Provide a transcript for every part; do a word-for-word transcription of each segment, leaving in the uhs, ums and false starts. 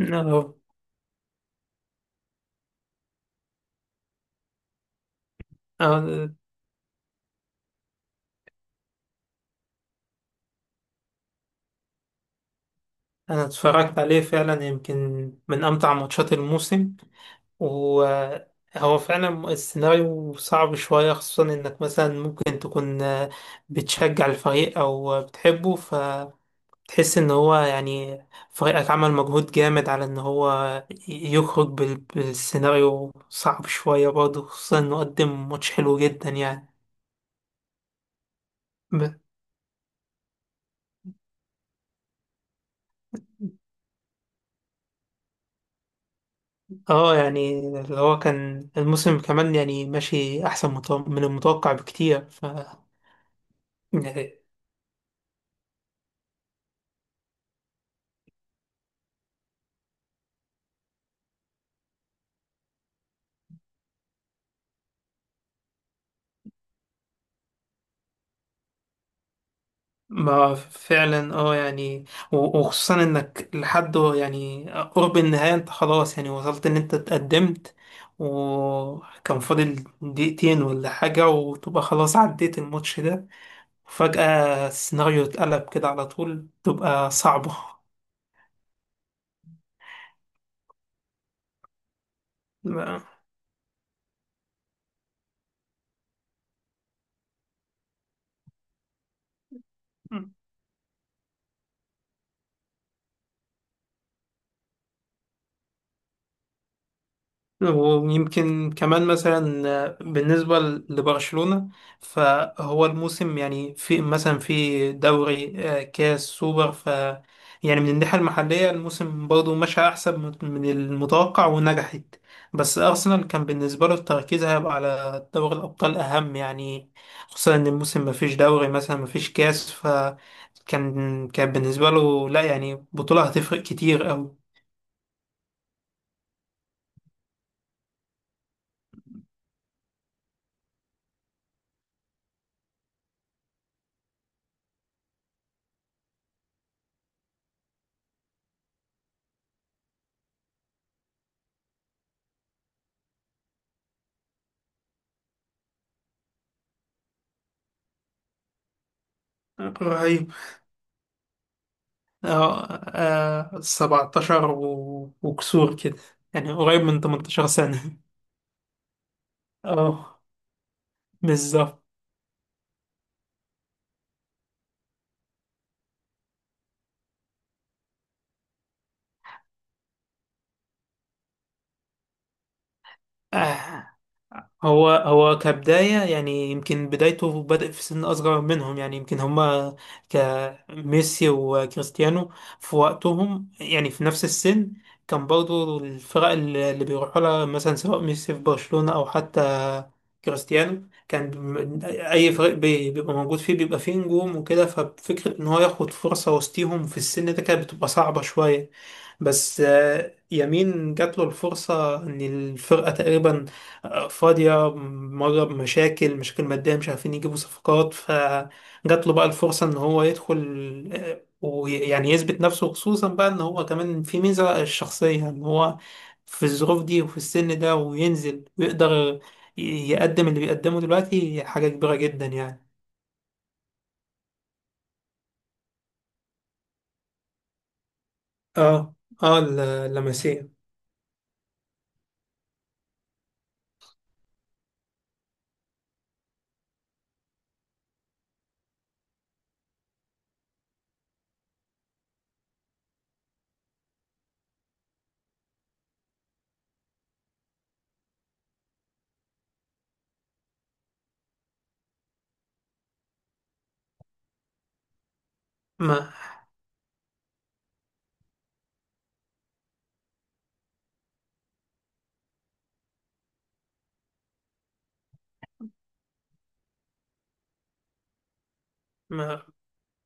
أه، أه، أنا اتفرجت عليه فعلا يمكن من أمتع ماتشات الموسم. وهو فعلا السيناريو صعب شوية خصوصا إنك مثلا ممكن تكون آه، بتشجع الفريق أو بتحبه فتحس إن هو يعني فريقك عمل مجهود جامد على إن هو يخرج بال- بالسيناريو صعب شوية برضه خصوصا إنه قدم ماتش حلو جدا يعني. اه يعني اللي هو كان الموسم كمان يعني ماشي احسن مت- من المتوقع بكتير ف يعني ما فعلا اه يعني و- وخصوصا انك لحد يعني قرب النهاية انت خلاص يعني وصلت ان انت اتقدمت، وكان فاضل دقيقتين ولا حاجة وتبقى خلاص عديت الماتش ده، وفجأة السيناريو اتقلب كده على طول تبقى صعبة. ويمكن كمان مثلا بالنسبة لبرشلونة فهو الموسم يعني في مثلا في دوري آه، كاس سوبر ف يعني من الناحية المحلية الموسم برضه مشى أحسن من من المتوقع ونجحت. بس أرسنال كان بالنسبة له التركيز هيبقى على دوري الأبطال أهم يعني، خصوصا إن الموسم مفيش دوري مثلا مفيش كاس فكان كان بالنسبة له لا يعني بطولة هتفرق كتير أوي. اه، آه، سبعتاشر و... وكسور كده، يعني قريب من 18 سنة. اه. بالظبط. آه. هو هو كبداية يعني يمكن بدايته بدأ في سن أصغر منهم، يعني يمكن هما كميسي وكريستيانو في وقتهم يعني في نفس السن كان برضو الفرق اللي اللي بيروحوا لها مثلا، سواء ميسي في برشلونة أو حتى كريستيانو، كان بم- أي فريق بي- بيبقى موجود فيه بيبقى فيه نجوم وكده، ففكرة إن هو ياخد فرصة وسطيهم في السن ده كانت بتبقى صعبة شوية. بس آه، يمين جات له الفرصة إن الفرقة تقريبا آه، فاضية مرة بمشاكل، مشاكل مادية مش عارفين يجيبوا صفقات، فجات له بقى الفرصة إن هو يدخل آه، ويعني يثبت نفسه، خصوصا بقى إن هو كمان في ميزة الشخصية إن هو في الظروف دي وفي السن ده وينزل ويقدر ي- يقدم اللي بيقدمه دلوقتي حاجة كبيرة جدا يعني. اه. اه، ال- لمسيه. ما ما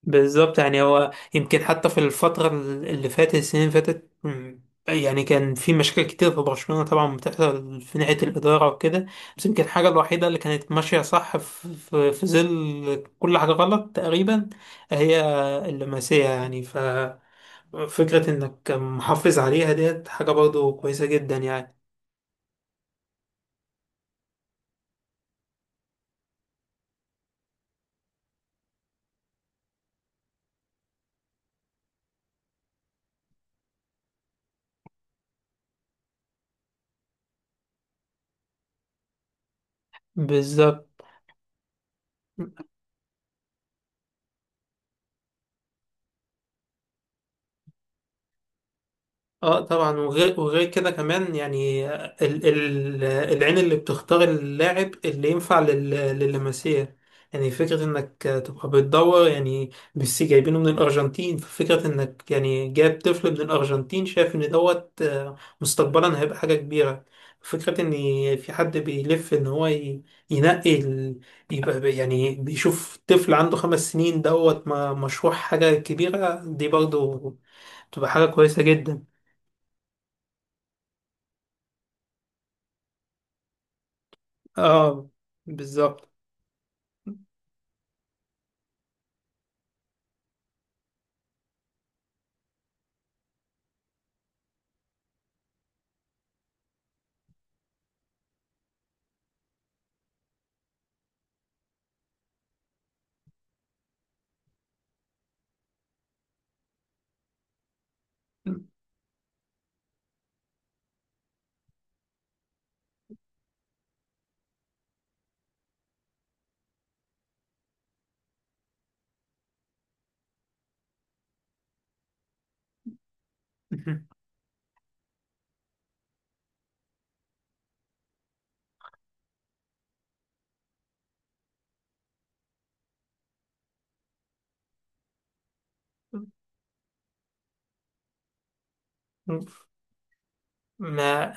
بالظبط، يعني هو يمكن حتى في الفترة اللي فاتت، السنين اللي فاتت مم، يعني كان في مشاكل كتير في برشلونة طبعا بتحصل في ناحية الإدارة وكده. بس يمكن الحاجة الوحيدة اللي كانت ماشية صح في, في, في ظل كل حاجة غلط تقريبا هي اللمسية، يعني ففكرة إنك محافظ عليها ديت حاجة برضو كويسة جدا يعني. بالظبط. اه طبعا، وغير وغير كده كمان يعني ال ال العين اللي بتختار اللاعب اللي ينفع لل- لللمسيه، يعني فكرة انك تبقى بتدور، يعني ميسي جايبينه من الارجنتين، ففكرة انك يعني جايب طفل من الارجنتين شايف ان دوت آه، مستقبلا هيبقى حاجة كبيرة. فكرة ان في حد بيلف ان هو ي- ينقي ال- يبقى بي- يعني بيشوف طفل عنده خمس سنين دوت م- مشروع حاجة كبيرة، دي برضو تبقى حاجة كويسة جدا. اه. بالظبط. ما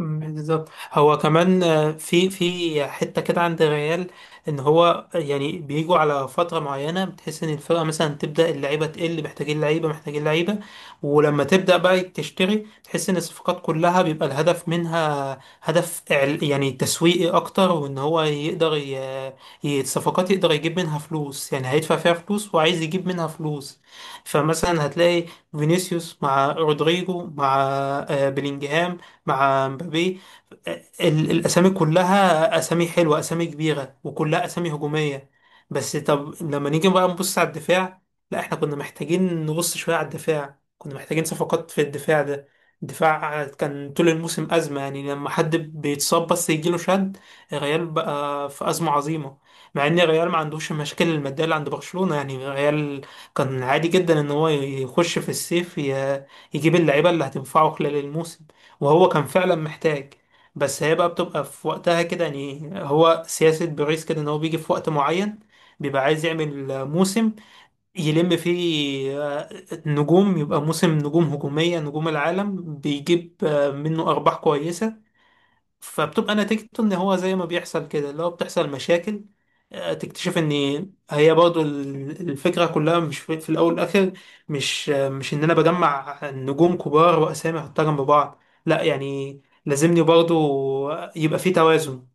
بالظبط، هو كمان آه، في في حته كده عند الريال ان هو يعني بيجوا على فتره معينه بتحس ان الفرقه مثلا تبدا اللعيبه تقل، محتاجين لعيبه محتاجين لعيبه، ولما تبدا بقى تشتري تحس ان الصفقات كلها بيبقى الهدف منها هدف إعل- يعني تسويقي اكتر، وان هو يقدر ي- ي- الصفقات يقدر يجيب منها فلوس، يعني هيدفع فيها فلوس وعايز يجيب منها فلوس. فمثلا هتلاقي فينيسيوس مع رودريجو مع آه، بلينجهام مع مبابي، ال- الاسامي كلها اسامي حلوه، اسامي كبيره، وكلها اسامي هجوميه. بس طب لما نيجي بقى نبص على الدفاع، لا، احنا كنا محتاجين نبص شويه على الدفاع، كنا محتاجين صفقات في الدفاع ده. الدفاع كان طول الموسم أزمة، يعني لما حد بيتصاب بس يجيله شد الريال بقى في أزمة عظيمة، مع إن الريال ما عندوش المشاكل المادية اللي عند برشلونة، يعني الريال كان عادي جدا إن هو يخش في الصيف ي- يجيب اللعيبة اللي هتنفعه خلال الموسم، وهو كان فعلا محتاج. بس هي بقى بتبقى في وقتها كده، يعني هو سياسة بيريز كده ان هو بيجي في وقت معين بيبقى عايز يعمل موسم يلم فيه آه، نجوم، يبقى موسم نجوم هجومية، نجوم العالم بيجيب آه، منه أرباح كويسة. فبتبقى نتيجته ان هو زي ما بيحصل كده اللي هو بتحصل مشاكل، آه، تكتشف ان هي برضو ال- الفكرة كلها مش في, في الاول والاخر، مش آه، مش ان انا بجمع نجوم كبار واسامي احطها جنب بعض، لا يعني لازمني برضو يبقى في توازن.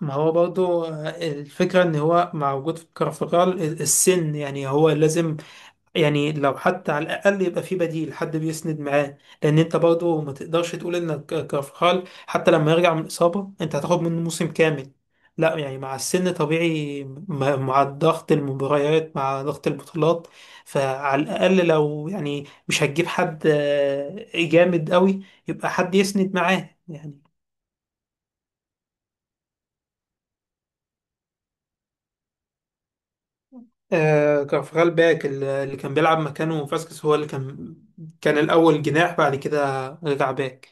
ما هو برضو آه، الفكرة ان هو مع وجود كارفاخال السن يعني هو لازم، يعني لو حتى على الأقل يبقى في بديل حد بيسند معاه، لأن أنت برضه ما تقدرش تقول إنك كارفخال حتى لما يرجع من الإصابة أنت هتاخد منه موسم كامل، لا يعني مع السن طبيعي م- مع ضغط المباريات مع ضغط البطولات، فعلى الأقل لو يعني مش هتجيب حد آه، جامد قوي يبقى حد يسند معاه يعني. آه، كارفخال باك اللي اللي كان بيلعب مكانه فاسكس هو اللي كان كان الأول جناح بعد كده رجع باك.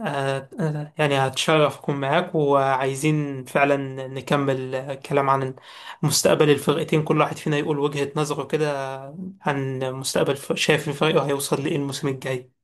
آه، آه، يعني هتشرف أكون معاك، وعايزين فعلا نكمل آه، كلام عن مستقبل الفرقتين، كل واحد فينا يقول وجهة نظره كده عن مستقبل، ف- شايف الفريق هيوصل لإيه الموسم الجاي.